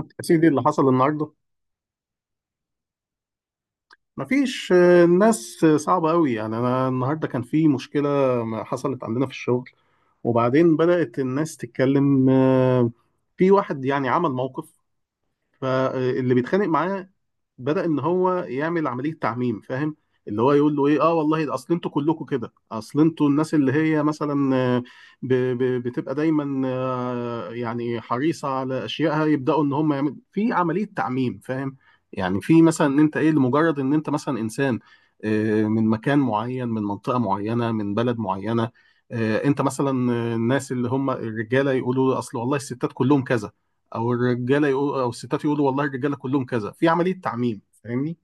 يا سيدي، اللي حصل النهارده. مفيش، الناس صعبة قوي. يعني انا النهارده كان في مشكلة ما حصلت عندنا في الشغل. وبعدين بدأت الناس تتكلم، في واحد يعني عمل موقف. فاللي بيتخانق معاه بدأ ان هو يعمل عملية تعميم، فاهم؟ اللي هو يقول له ايه، اه والله ده اصل انتوا كلكم كده، اصل انتوا الناس اللي هي مثلا بتبقى دايما يعني حريصة على اشيائها، يبدأوا ان هم يعملوا في عملية تعميم، فاهم؟ يعني في مثلا ان انت ايه، لمجرد ان انت مثلا انسان من مكان معين، من منطقة معينة، من بلد معينة، انت مثلا الناس اللي هم الرجالة يقولوا اصل والله الستات كلهم كذا، او الرجاله يقول، او الستات يقولوا والله الرجاله كلهم كذا، في عمليه تعميم، فاهمني؟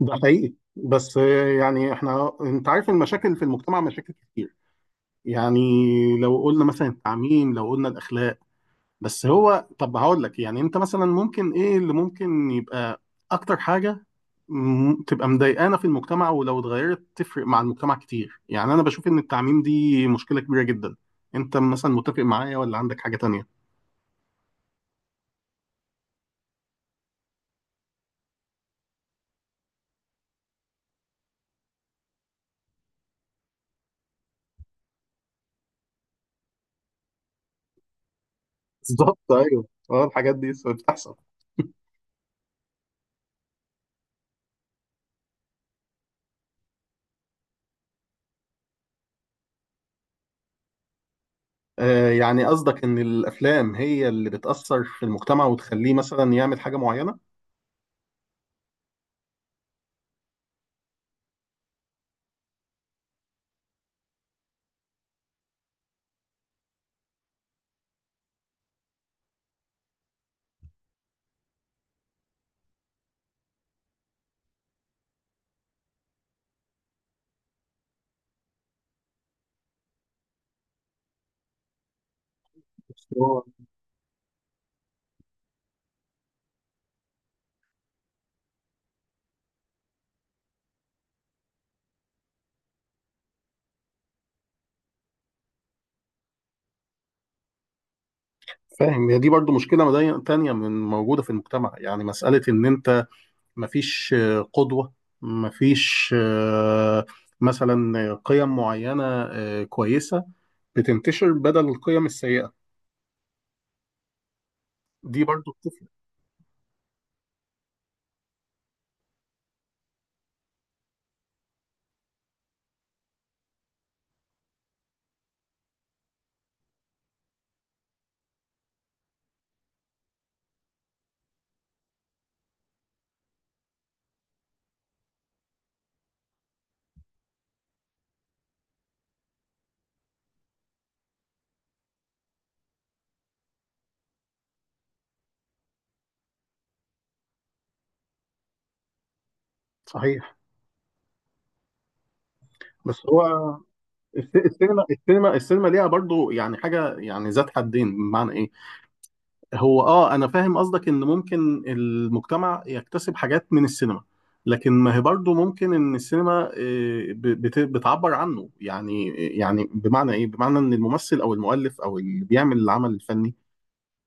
ده حقيقي، بس يعني احنا انت عارف المشاكل في المجتمع مشاكل كتير. يعني لو قلنا مثلا التعميم، لو قلنا الاخلاق، بس هو طب هقول لك يعني انت مثلا ممكن ايه اللي ممكن يبقى اكتر حاجه م- تبقى مضايقانا في المجتمع، ولو اتغيرت تفرق مع المجتمع كتير. يعني انا بشوف ان التعميم دي مشكله كبيره جدا. انت مثلا متفق معايا ولا عندك حاجه تانية؟ بالظبط، ايوه، اه، الحاجات دي بتحصل. آه، يعني قصدك ان الافلام هي اللي بتاثر في المجتمع وتخليه مثلا يعمل حاجه معينه؟ بس هو. فاهم، هي دي برضو مشكله تانية من موجوده في المجتمع، يعني مساله ان انت مفيش قدوه، مفيش مثلا قيم معينه كويسه بتنتشر بدل القيم السيئه. دي برضو بتفرق. صحيح. بس هو السينما ليها برضو يعني حاجه، يعني ذات حدين، بمعنى ايه؟ هو اه انا فاهم قصدك ان ممكن المجتمع يكتسب حاجات من السينما، لكن ما هي برضه ممكن ان السينما بتعبر عنه. يعني يعني بمعنى ايه، بمعنى ان الممثل او المؤلف او اللي بيعمل العمل الفني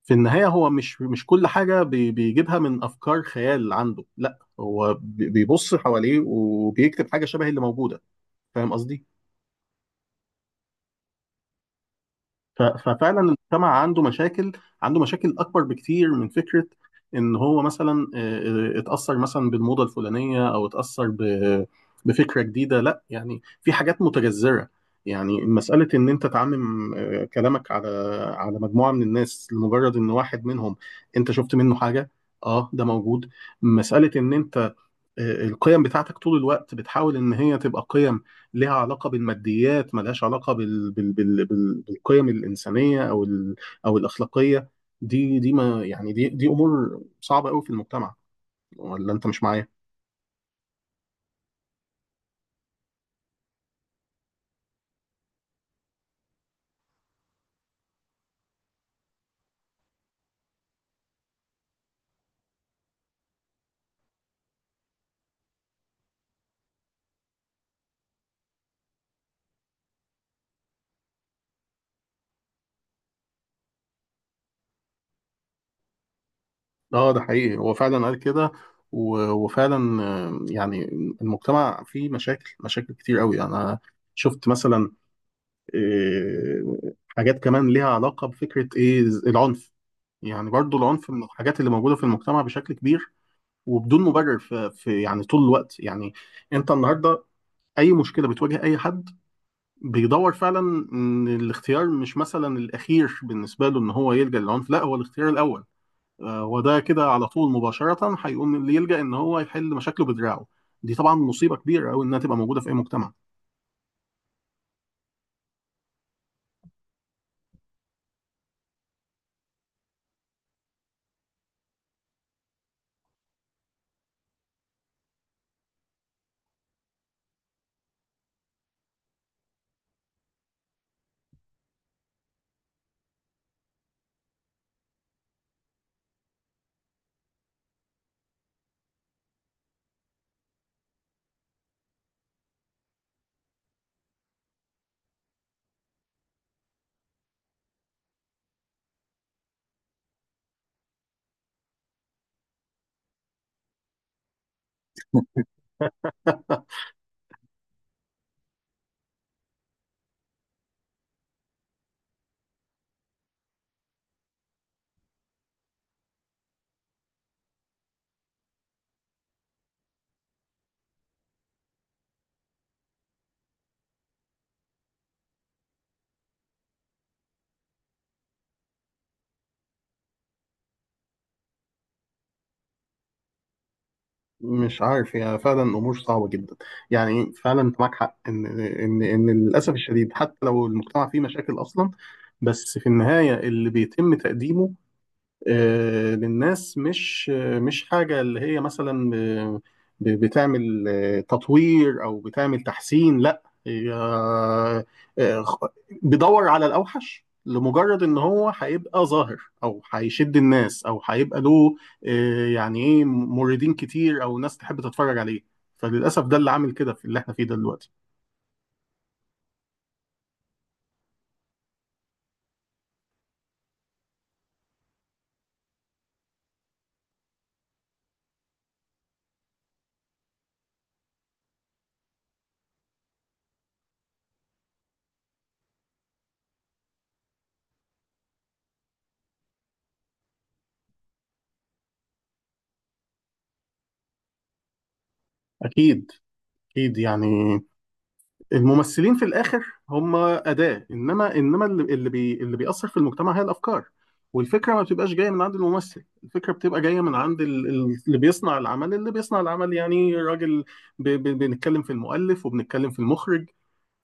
في النهاية هو مش كل حاجة بيجيبها من افكار خيال عنده. لا، هو بيبص حواليه وبيكتب حاجة شبه اللي موجودة. فاهم قصدي؟ ففعلا المجتمع عنده مشاكل، عنده مشاكل اكبر بكتير من فكره ان هو مثلا اتاثر مثلا بالموضه الفلانيه او اتاثر بفكره جديده. لا، يعني في حاجات متجذره. يعني مساله ان انت تعمم كلامك على مجموعه من الناس لمجرد ان واحد منهم انت شفت منه حاجه. اه، ده موجود. مساله ان انت القيم بتاعتك طول الوقت بتحاول ان هي تبقى قيم لها علاقه بالماديات، ملهاش علاقه بالقيم الانسانيه او او الاخلاقيه. دي ما يعني دي امور صعبه قوي في المجتمع. ولا انت مش معايا؟ اه، ده حقيقي، هو فعلا قال كده. وفعلا يعني المجتمع فيه مشاكل، مشاكل كتير قوي. انا شفت مثلا حاجات كمان ليها علاقه بفكره ايه؟ العنف. يعني برضو العنف من الحاجات اللي موجوده في المجتمع بشكل كبير وبدون مبرر. في يعني طول الوقت، يعني انت النهارده اي مشكله بتواجه اي حد بيدور فعلا ان الاختيار مش مثلا الاخير بالنسبه له ان هو يلجا للعنف، لا هو الاختيار الاول. وده كده على طول مباشره هيقوم اللي يلجا ان هو يحل مشاكله بدراعه. دي طبعا مصيبه كبيره قوي انها تبقى موجوده في اي مجتمع. مش عارف، هي فعلا امور صعبه جدا. يعني فعلا انت معاك حق ان للاسف الشديد حتى لو المجتمع فيه مشاكل اصلا، بس في النهايه اللي بيتم تقديمه للناس مش مش حاجة اللي هي مثلا بتعمل تطوير، أو بتعمل تحسين. لا، هي آه، خ- بيدور على الأوحش لمجرد إن هو هيبقى ظاهر، أو هيشد الناس، أو هيبقى له يعني إيه، موردين كتير، أو ناس تحب تتفرج عليه. فللأسف، ده اللي عامل كده في اللي إحنا فيه ده دلوقتي. أكيد، أكيد. يعني الممثلين في الاخر هم اداه، انما اللي بيأثر في المجتمع هي الافكار. والفكره ما بتبقاش جايه من عند الممثل، الفكره بتبقى جايه من عند اللي بيصنع العمل، اللي بيصنع العمل يعني راجل. بنتكلم في المؤلف وبنتكلم في المخرج.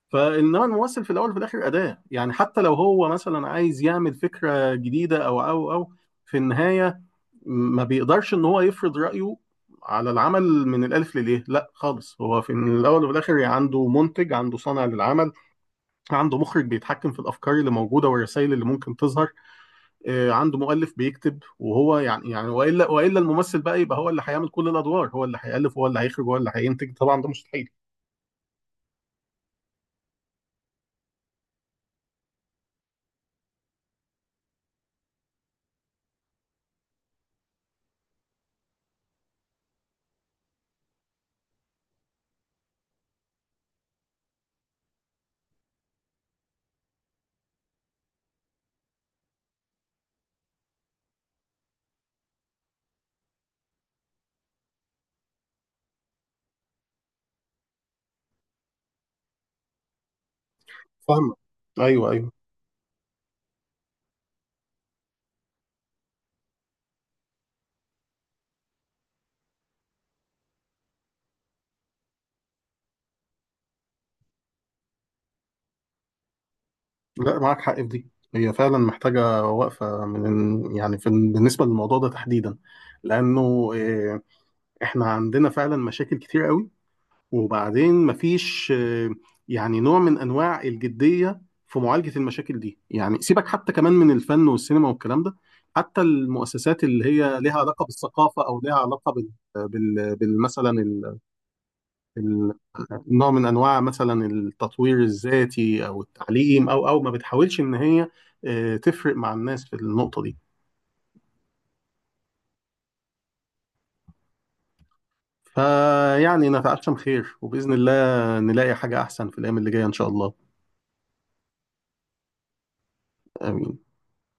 فانما الممثل في الاول وفي الاخر اداه. يعني حتى لو هو مثلا عايز يعمل فكره جديده او في النهايه ما بيقدرش ان هو يفرض رايه على العمل من الالف لليه. لا خالص، هو في من الاول وفي الاخر عنده منتج، عنده صانع للعمل، عنده مخرج بيتحكم في الافكار اللي موجوده والرسائل اللي ممكن تظهر، عنده مؤلف بيكتب. وهو يعني يعني والا الممثل بقى يبقى هو اللي هيعمل كل الادوار، هو اللي هيالف، هو اللي هيخرج، هو اللي هينتج؟ طبعا ده مستحيل. فاهمه. ايوه، ايوه. لا، معاك حق في دي، هي فعلا محتاجه وقفه من، يعني في بالنسبه للموضوع ده تحديدا، لانه احنا عندنا فعلا مشاكل كتير قوي. وبعدين مفيش يعني نوع من انواع الجديه في معالجه المشاكل دي. يعني سيبك حتى كمان من الفن والسينما والكلام ده، حتى المؤسسات اللي هي لها علاقه بالثقافه او لها علاقه مثلا ال... نوع من انواع مثلا التطوير الذاتي او التعليم او ما بتحاولش ان هي تفرق مع الناس في النقطه دي. فيعني نتعشم خير وباذن الله نلاقي حاجه احسن في الايام اللي جايه ان شاء الله. امين.